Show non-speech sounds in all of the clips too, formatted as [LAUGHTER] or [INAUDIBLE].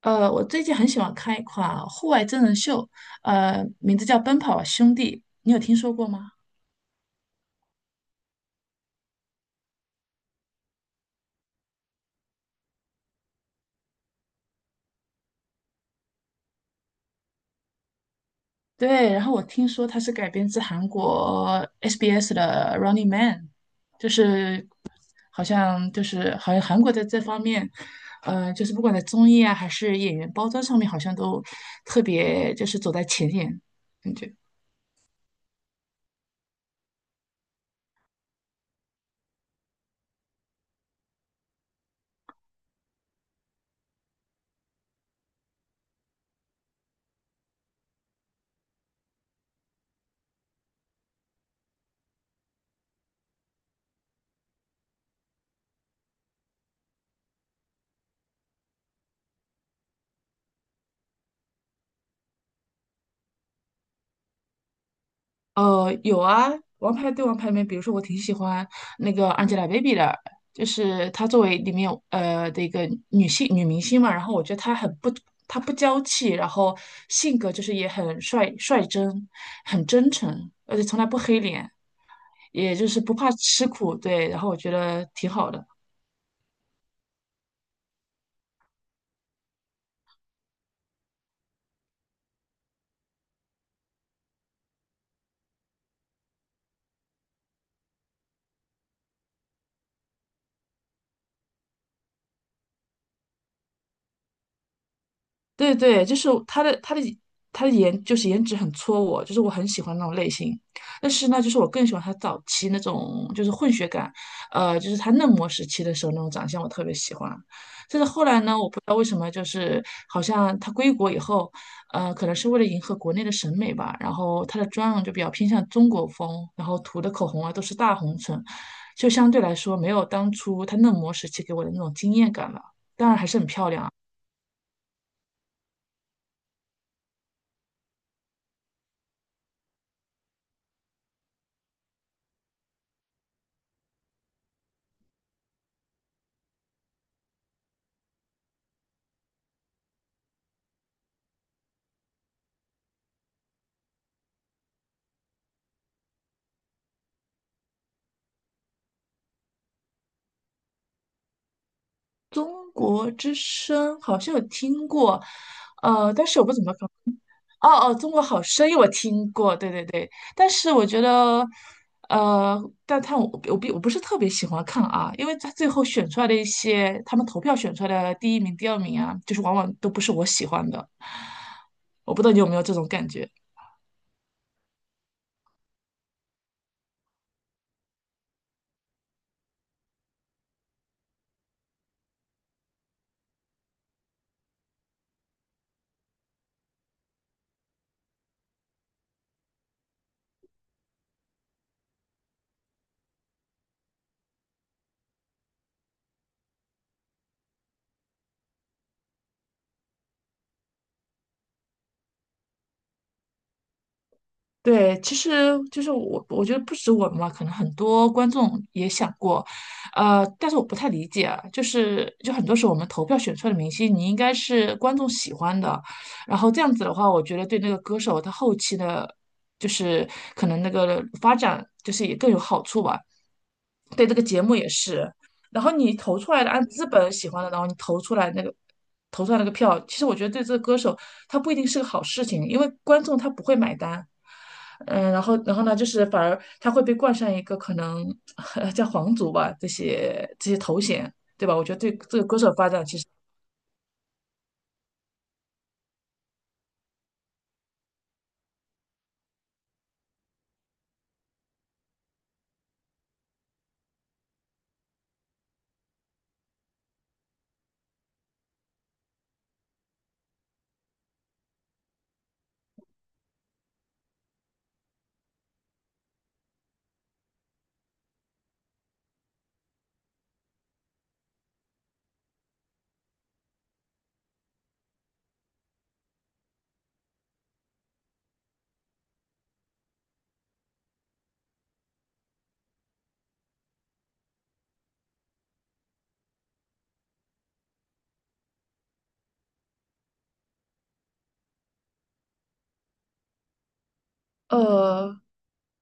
我最近很喜欢看一款户外真人秀，名字叫《奔跑吧兄弟》，你有听说过吗？对，然后我听说它是改编自韩国 SBS 的《Running Man》，就是就是好像韩国在这方面，就是不管在综艺啊还是演员包装上面，好像都特别就是走在前沿，感觉。有啊，《王牌对王牌》里面，比如说我挺喜欢那个 Angelababy 的，就是她作为里面有的一个女明星嘛，然后我觉得她不娇气，然后性格就是也很率真，很真诚，而且从来不黑脸，也就是不怕吃苦，对，然后我觉得挺好的。对对，就是他的颜就是颜值很戳我，就是我很喜欢那种类型。但是呢，就是我更喜欢他早期那种就是混血感，就是他嫩模时期的时候那种长相我特别喜欢。但是后来呢，我不知道为什么，就是好像他归国以后，可能是为了迎合国内的审美吧，然后他的妆容就比较偏向中国风，然后涂的口红啊都是大红唇，就相对来说没有当初他嫩模时期给我的那种惊艳感了。当然还是很漂亮啊。中国之声好像有听过，但是我不怎么搞。哦哦，《中国好声音》我听过，对对对，但是我觉得，呃，但他我并不是特别喜欢看啊，因为他最后选出来的一些，他们投票选出来的第一名、第二名啊，就是往往都不是我喜欢的，我不知道你有没有这种感觉。对，其实就是我觉得不止我们嘛，可能很多观众也想过，但是我不太理解啊，就是很多时候我们投票选出来的明星，你应该是观众喜欢的，然后这样子的话，我觉得对那个歌手他后期的，就是可能那个发展就是也更有好处吧。对，这个节目也是。然后你投出来的，按资本喜欢的，然后你投出来那个票，其实我觉得对这个歌手，他不一定是个好事情，因为观众他不会买单。嗯，然后呢，就是反而他会被冠上一个可能 [LAUGHS] 叫皇族吧，这些头衔，对吧？我觉得对这个歌手发展其实，呃，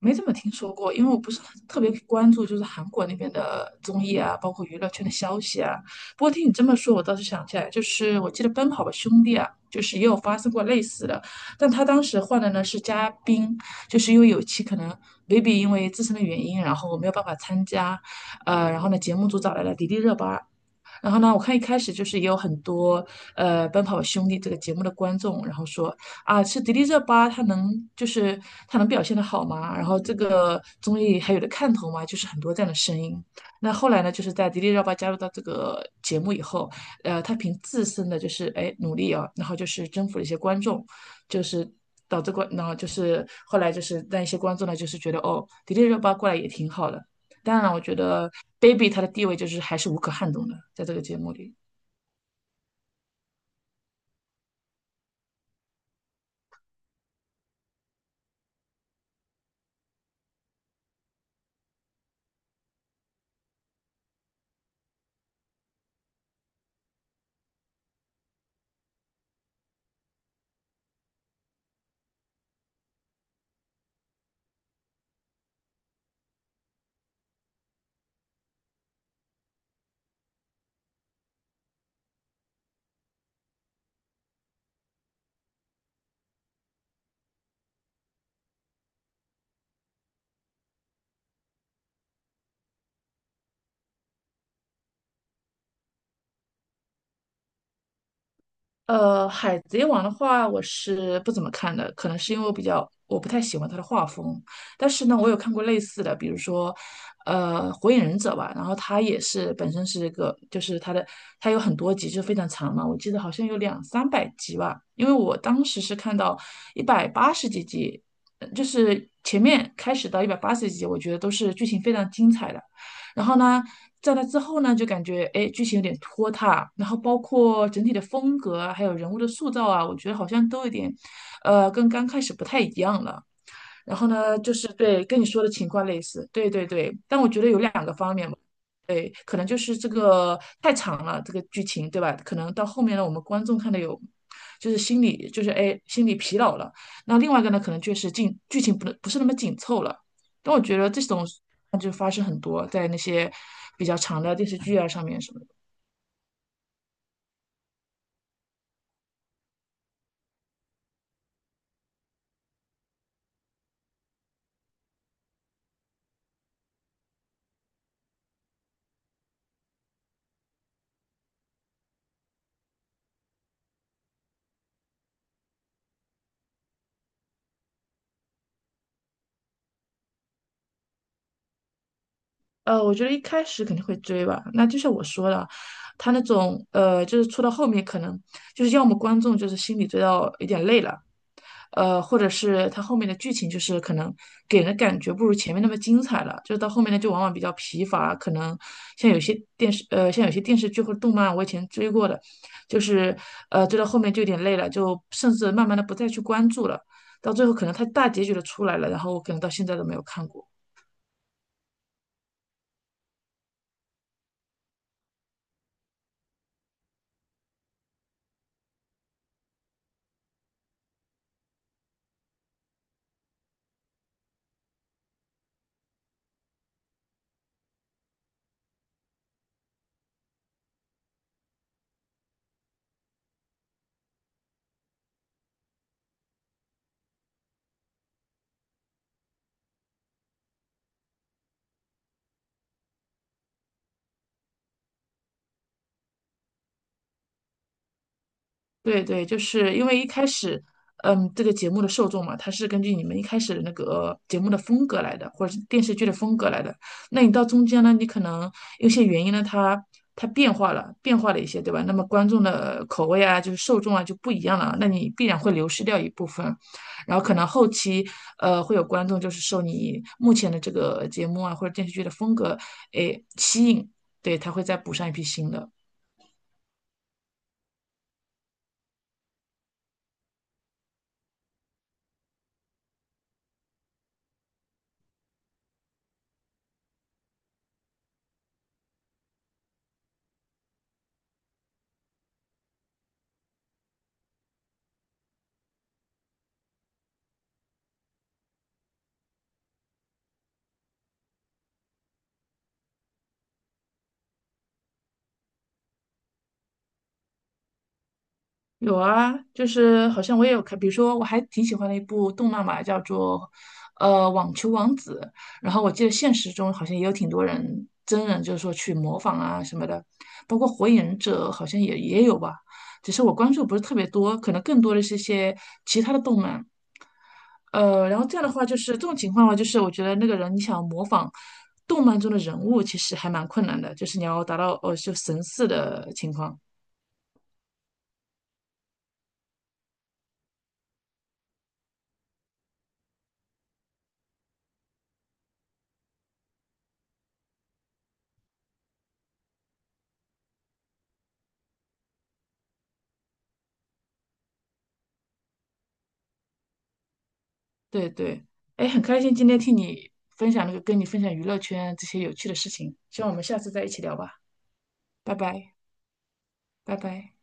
没怎么听说过，因为我不是很特别关注，就是韩国那边的综艺啊，包括娱乐圈的消息啊。不过听你这么说，我倒是想起来，就是我记得《奔跑吧兄弟》啊，就是也有发生过类似的，但他当时换的呢是嘉宾，就是因为有期可能 baby 因为自身的原因，然后没有办法参加，然后呢节目组找来了迪丽热巴，然后呢，我看一开始就是也有很多《奔跑吧兄弟》这个节目的观众，然后说啊，是迪丽热巴，就是她能表现得好吗？然后这个综艺还有的看头吗？就是很多这样的声音。那后来呢，就是在迪丽热巴加入到这个节目以后，她凭自身的就是哎努力啊，然后就是征服了一些观众，就是导致观，然后就是后来就是让一些观众呢，就是觉得哦，迪丽热巴过来也挺好的。当然，我觉得 Baby 他的地位就是还是无可撼动的，在这个节目里。海贼王的话，我是不怎么看的，可能是因为我比较我不太喜欢他的画风。但是呢，我有看过类似的，比如说，火影忍者吧，然后他也是本身是一个，就是他有很多集，就非常长嘛，我记得好像有两三百集吧，因为我当时是看到一百八十几集，就是前面开始到一百八十几集，我觉得都是剧情非常精彩的。然后呢，在那之后呢，就感觉哎，诶剧情有点拖沓，然后包括整体的风格啊，还有人物的塑造啊，我觉得好像都有点，跟刚开始不太一样了。然后呢，就是对跟你说的情况类似，对对对，但我觉得有两个方面吧，对，可能就是这个太长了，这个剧情对吧？可能到后面呢，我们观众看的有，就是心里就是哎心里疲劳了。那另外一个呢，可能就是进剧情不是那么紧凑了。但我觉得这种那就发生很多在那些比较长的电视剧啊上面什么的我觉得一开始肯定会追吧。那就像我说的，他那种就是出到后面可能就是要么观众就是心里追到有点累了，或者是他后面的剧情就是可能给人的感觉不如前面那么精彩了，就是到后面呢就往往比较疲乏。可能像有些电视剧或者动漫，我以前追过的，就是追到后面就有点累了，就甚至慢慢的不再去关注了。到最后可能他大结局都出来了，然后我可能到现在都没有看过。对对，就是因为一开始，嗯，这个节目的受众嘛，它是根据你们一开始的那个节目的风格来的，或者是电视剧的风格来的。那你到中间呢，你可能有些原因呢，它变化了一些，对吧？那么观众的口味啊，就是受众啊就不一样了，那你必然会流失掉一部分。然后可能后期，会有观众就是受你目前的这个节目啊或者电视剧的风格，诶，吸引，对，他会再补上一批新的。有啊，就是好像我也有看，比如说我还挺喜欢的一部动漫嘛，叫做《网球王子》，然后我记得现实中好像也有挺多人真人就是说去模仿啊什么的，包括《火影忍者》好像也有吧，只是我关注不是特别多，可能更多的是一些其他的动漫。然后这样的话就是这种情况的话，就是我觉得那个人你想模仿动漫中的人物，其实还蛮困难的，就是你要达到就神似的情况。对对，哎，很开心今天听你分享那个跟你分享娱乐圈这些有趣的事情，希望我们下次再一起聊吧，拜拜，拜拜。